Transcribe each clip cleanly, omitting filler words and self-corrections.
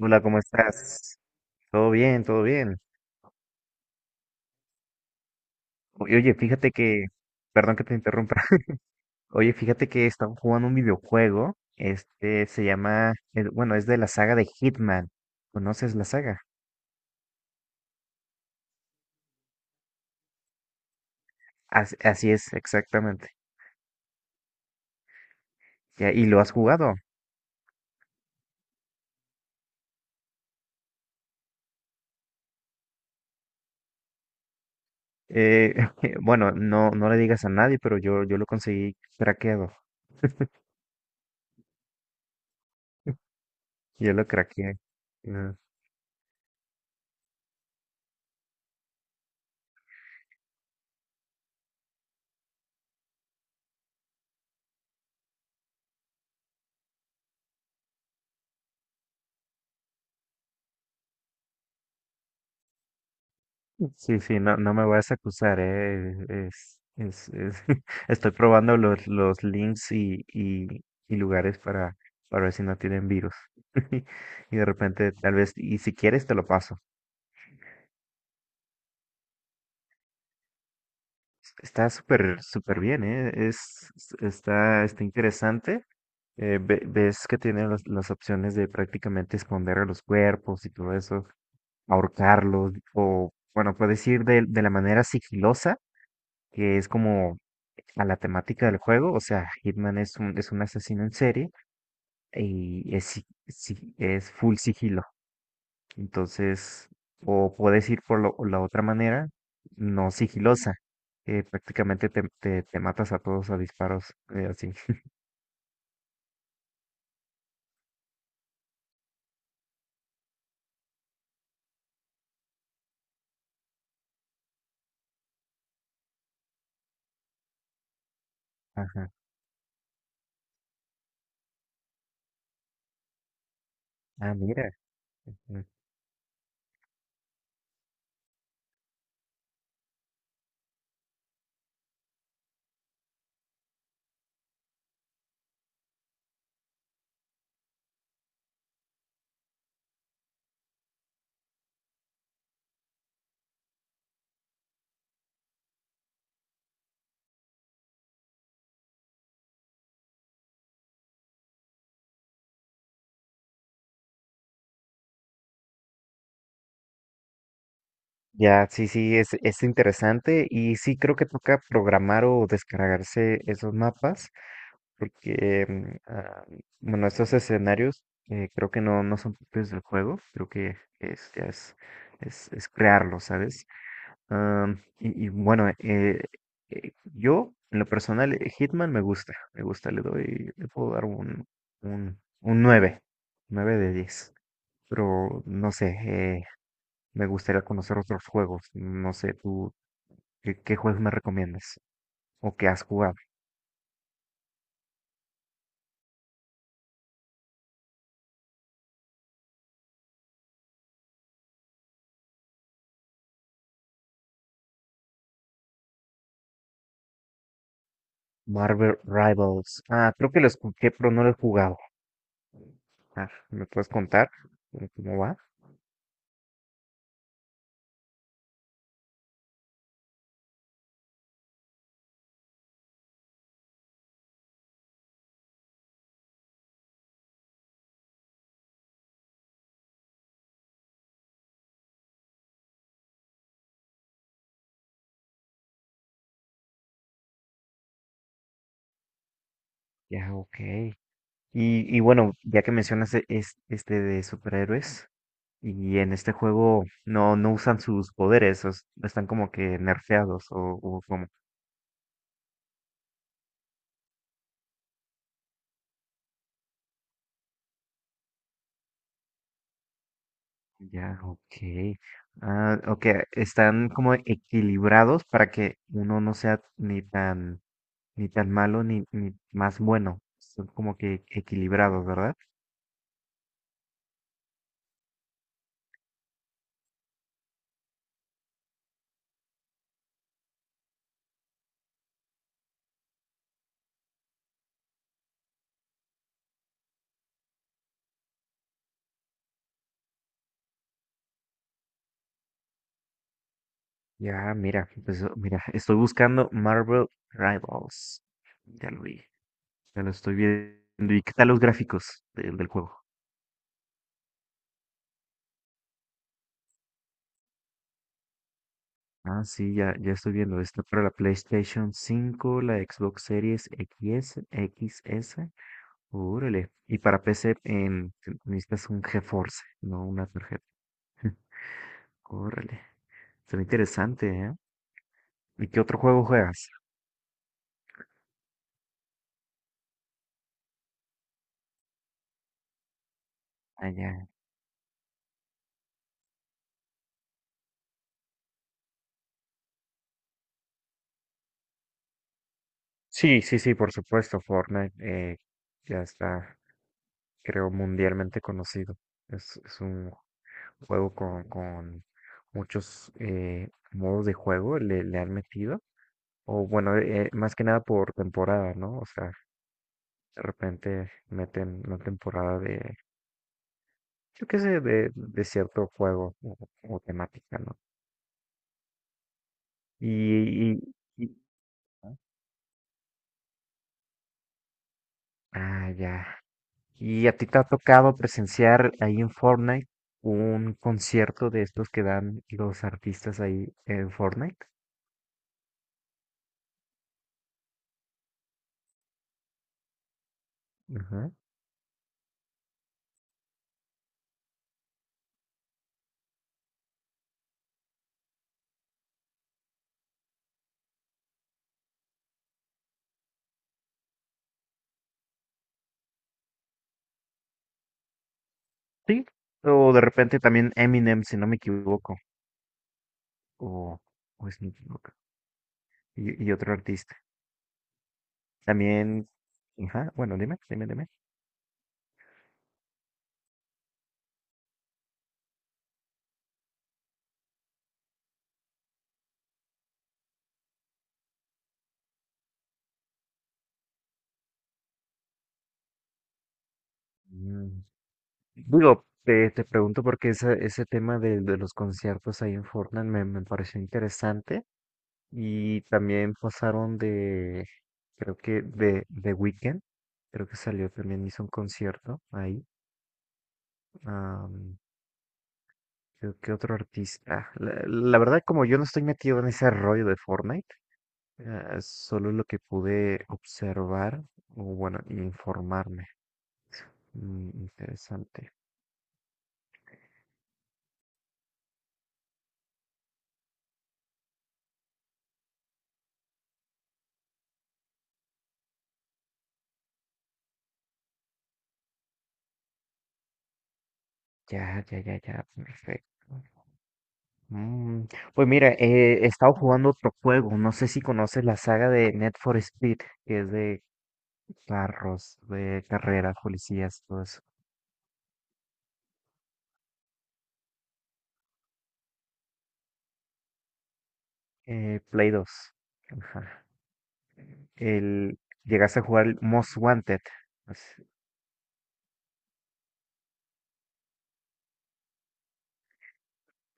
Hola, ¿cómo estás? Todo bien, todo bien. Oye, perdón que te interrumpa. Oye, fíjate que estaba jugando un videojuego. Este se llama, bueno, es de la saga de Hitman. ¿Conoces la saga? Así es, exactamente. Ya, ¿y lo has jugado? Eh, bueno, no, no le digas a nadie, pero yo lo conseguí craqueado. Yo lo craqueé. Ah. Sí, sí, no, no me vas a acusar, estoy probando los links y, y lugares para ver si no tienen virus. Y de repente, tal vez, y si quieres te lo paso. Está súper, súper bien, está interesante. Ves que tiene las opciones de prácticamente esconder a los cuerpos y todo eso, ahorcarlos, o bueno, puedes ir de la manera sigilosa, que es como a la temática del juego, o sea, es un asesino en serie y es, es full sigilo. Entonces, o puedes ir por la otra manera, no sigilosa, que prácticamente te matas a todos a disparos, así. Ajá. Ah, mira. Mm. Ya, sí, sí, es interesante y sí creo que toca programar o descargarse esos mapas porque, bueno, estos escenarios, creo que no, no son propios del juego, creo que ya es crearlo, ¿sabes? Ah, y bueno, yo, en lo personal, Hitman me gusta, le doy, le puedo dar un nueve, 9 de diez, pero no sé, me gustaría conocer otros juegos, no sé, tú, ¿qué juegos me recomiendas o qué has jugado? Marvel Rivals. Ah, creo que lo escuché, pero no lo he jugado. Ah, ¿me puedes contar cómo va? Ya, ok. Y bueno, ya que mencionas este de superhéroes, y en este juego no, no usan sus poderes, están como que nerfeados o como. Ya, ok. Ah, ok, están como equilibrados para que uno no sea ni tan, ni tan malo ni, ni más bueno. Son como que equilibrados, ¿verdad? Ya, mira, pues oh, mira, estoy buscando Marvel Rivals. Ya lo vi, ya lo estoy viendo. ¿Y qué tal los gráficos del juego? Ah, sí, ya, ya estoy viendo. Está para la PlayStation cinco, la Xbox Series X, X S. Órale. Y para PC necesitas un GeForce, no, una tarjeta. Órale. Está interesante, ¿eh? ¿Y qué otro juego juegas? Ah, ya. Sí, sí, sí, por supuesto, Fortnite. Ya está, creo, mundialmente conocido. Es un juego con muchos, modos de juego le, le han metido. O bueno, más que nada por temporada, ¿no? O sea, de repente meten una temporada de, yo qué sé, de cierto juego o temática, ¿no? Y, y- y- ah, ya. ¿Y a ti te ha tocado presenciar ahí en Fortnite un concierto de estos que dan los artistas ahí en Fortnite? Ajá. Sí, o de repente también Eminem, si no me equivoco, o, o Snoop Dogg, y otro artista. También, ajá, bueno, dime, dime, dime. Mm, Digo, te pregunto porque ese tema de los conciertos ahí en Fortnite me pareció interesante. Y también pasaron creo que de The Weeknd, creo que salió también, hizo un concierto ahí. Am, creo que otro artista. Ah, la verdad, como yo no estoy metido en ese rollo de Fortnite, solo lo que pude observar, o bueno, informarme. Mm, interesante. Ya, ya, ya, ya, perfecto. Mm, Pues mira, he estado jugando otro juego, no sé si conoces la saga de Net for Speed, que es de carros, de carreras, policías, todo eso. Play 2. Ajá. El, ¿llegaste a jugar el Most Wanted? Pues,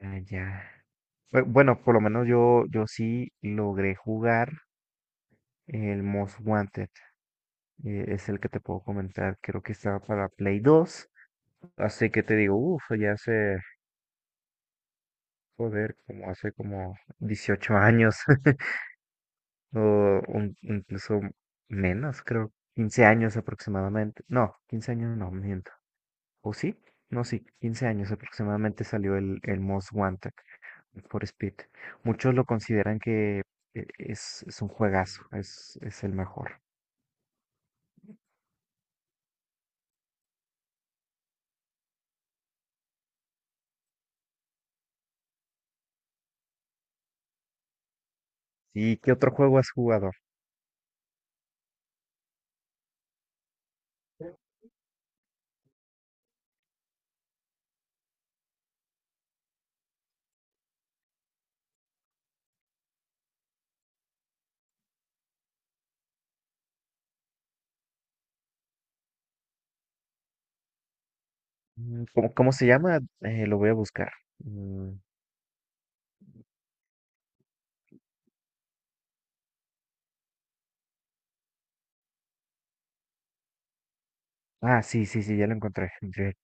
ah, ya. Bueno, por lo menos yo, yo sí logré jugar el Most Wanted, es el que te puedo comentar. Creo que estaba para Play 2. Así que te digo, uff, ya hace, joder, como hace como 18 años. O incluso menos, creo. 15 años aproximadamente. No, 15 años no, miento. ¿O sí? No, sí, 15 años aproximadamente salió el Most Wanted for Speed. Muchos lo consideran que es un juegazo, es el mejor. ¿Y qué otro juego has jugado? Mm, ¿cómo, cómo se llama? Lo voy a buscar. Mm. Ah, sí, sí, sí, ya lo encontré. Dread.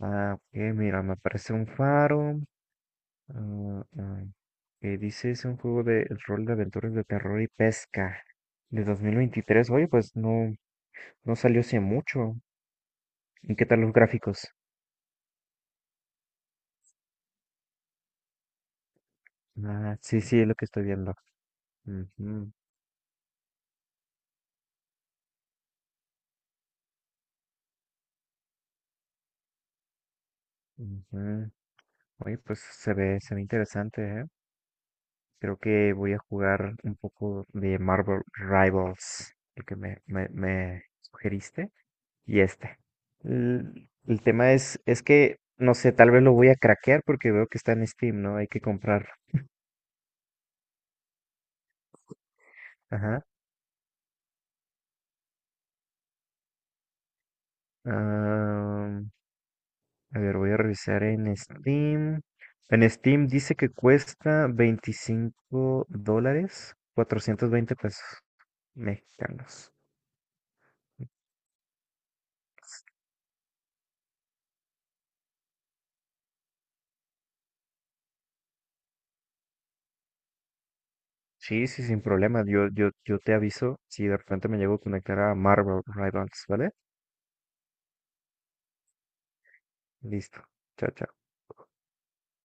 Ah, ok, mira, me aparece un faro. Ah, ah, que dice es un juego de rol de aventuras de terror y pesca de 2023. Oye, pues no, no salió hace mucho. ¿Y qué tal los gráficos? Ah, sí, sí, es lo que estoy viendo. Ujú, ujú. Oye, pues se ve interesante, ¿eh? Creo que voy a jugar un poco de Marvel Rivals, el que me sugeriste, y este. El tema es que, no sé, tal vez lo voy a craquear porque veo que está en Steam, ¿no? Hay que comprarlo. Ajá. Ah, a ver, voy a revisar en Steam. En Steam dice que cuesta $25, 420 pesos mexicanos. Sí, sí, sin problema. Yo te aviso si de repente me llego a conectar a Marvel Rivals, ¿vale? Listo. Chao, chao.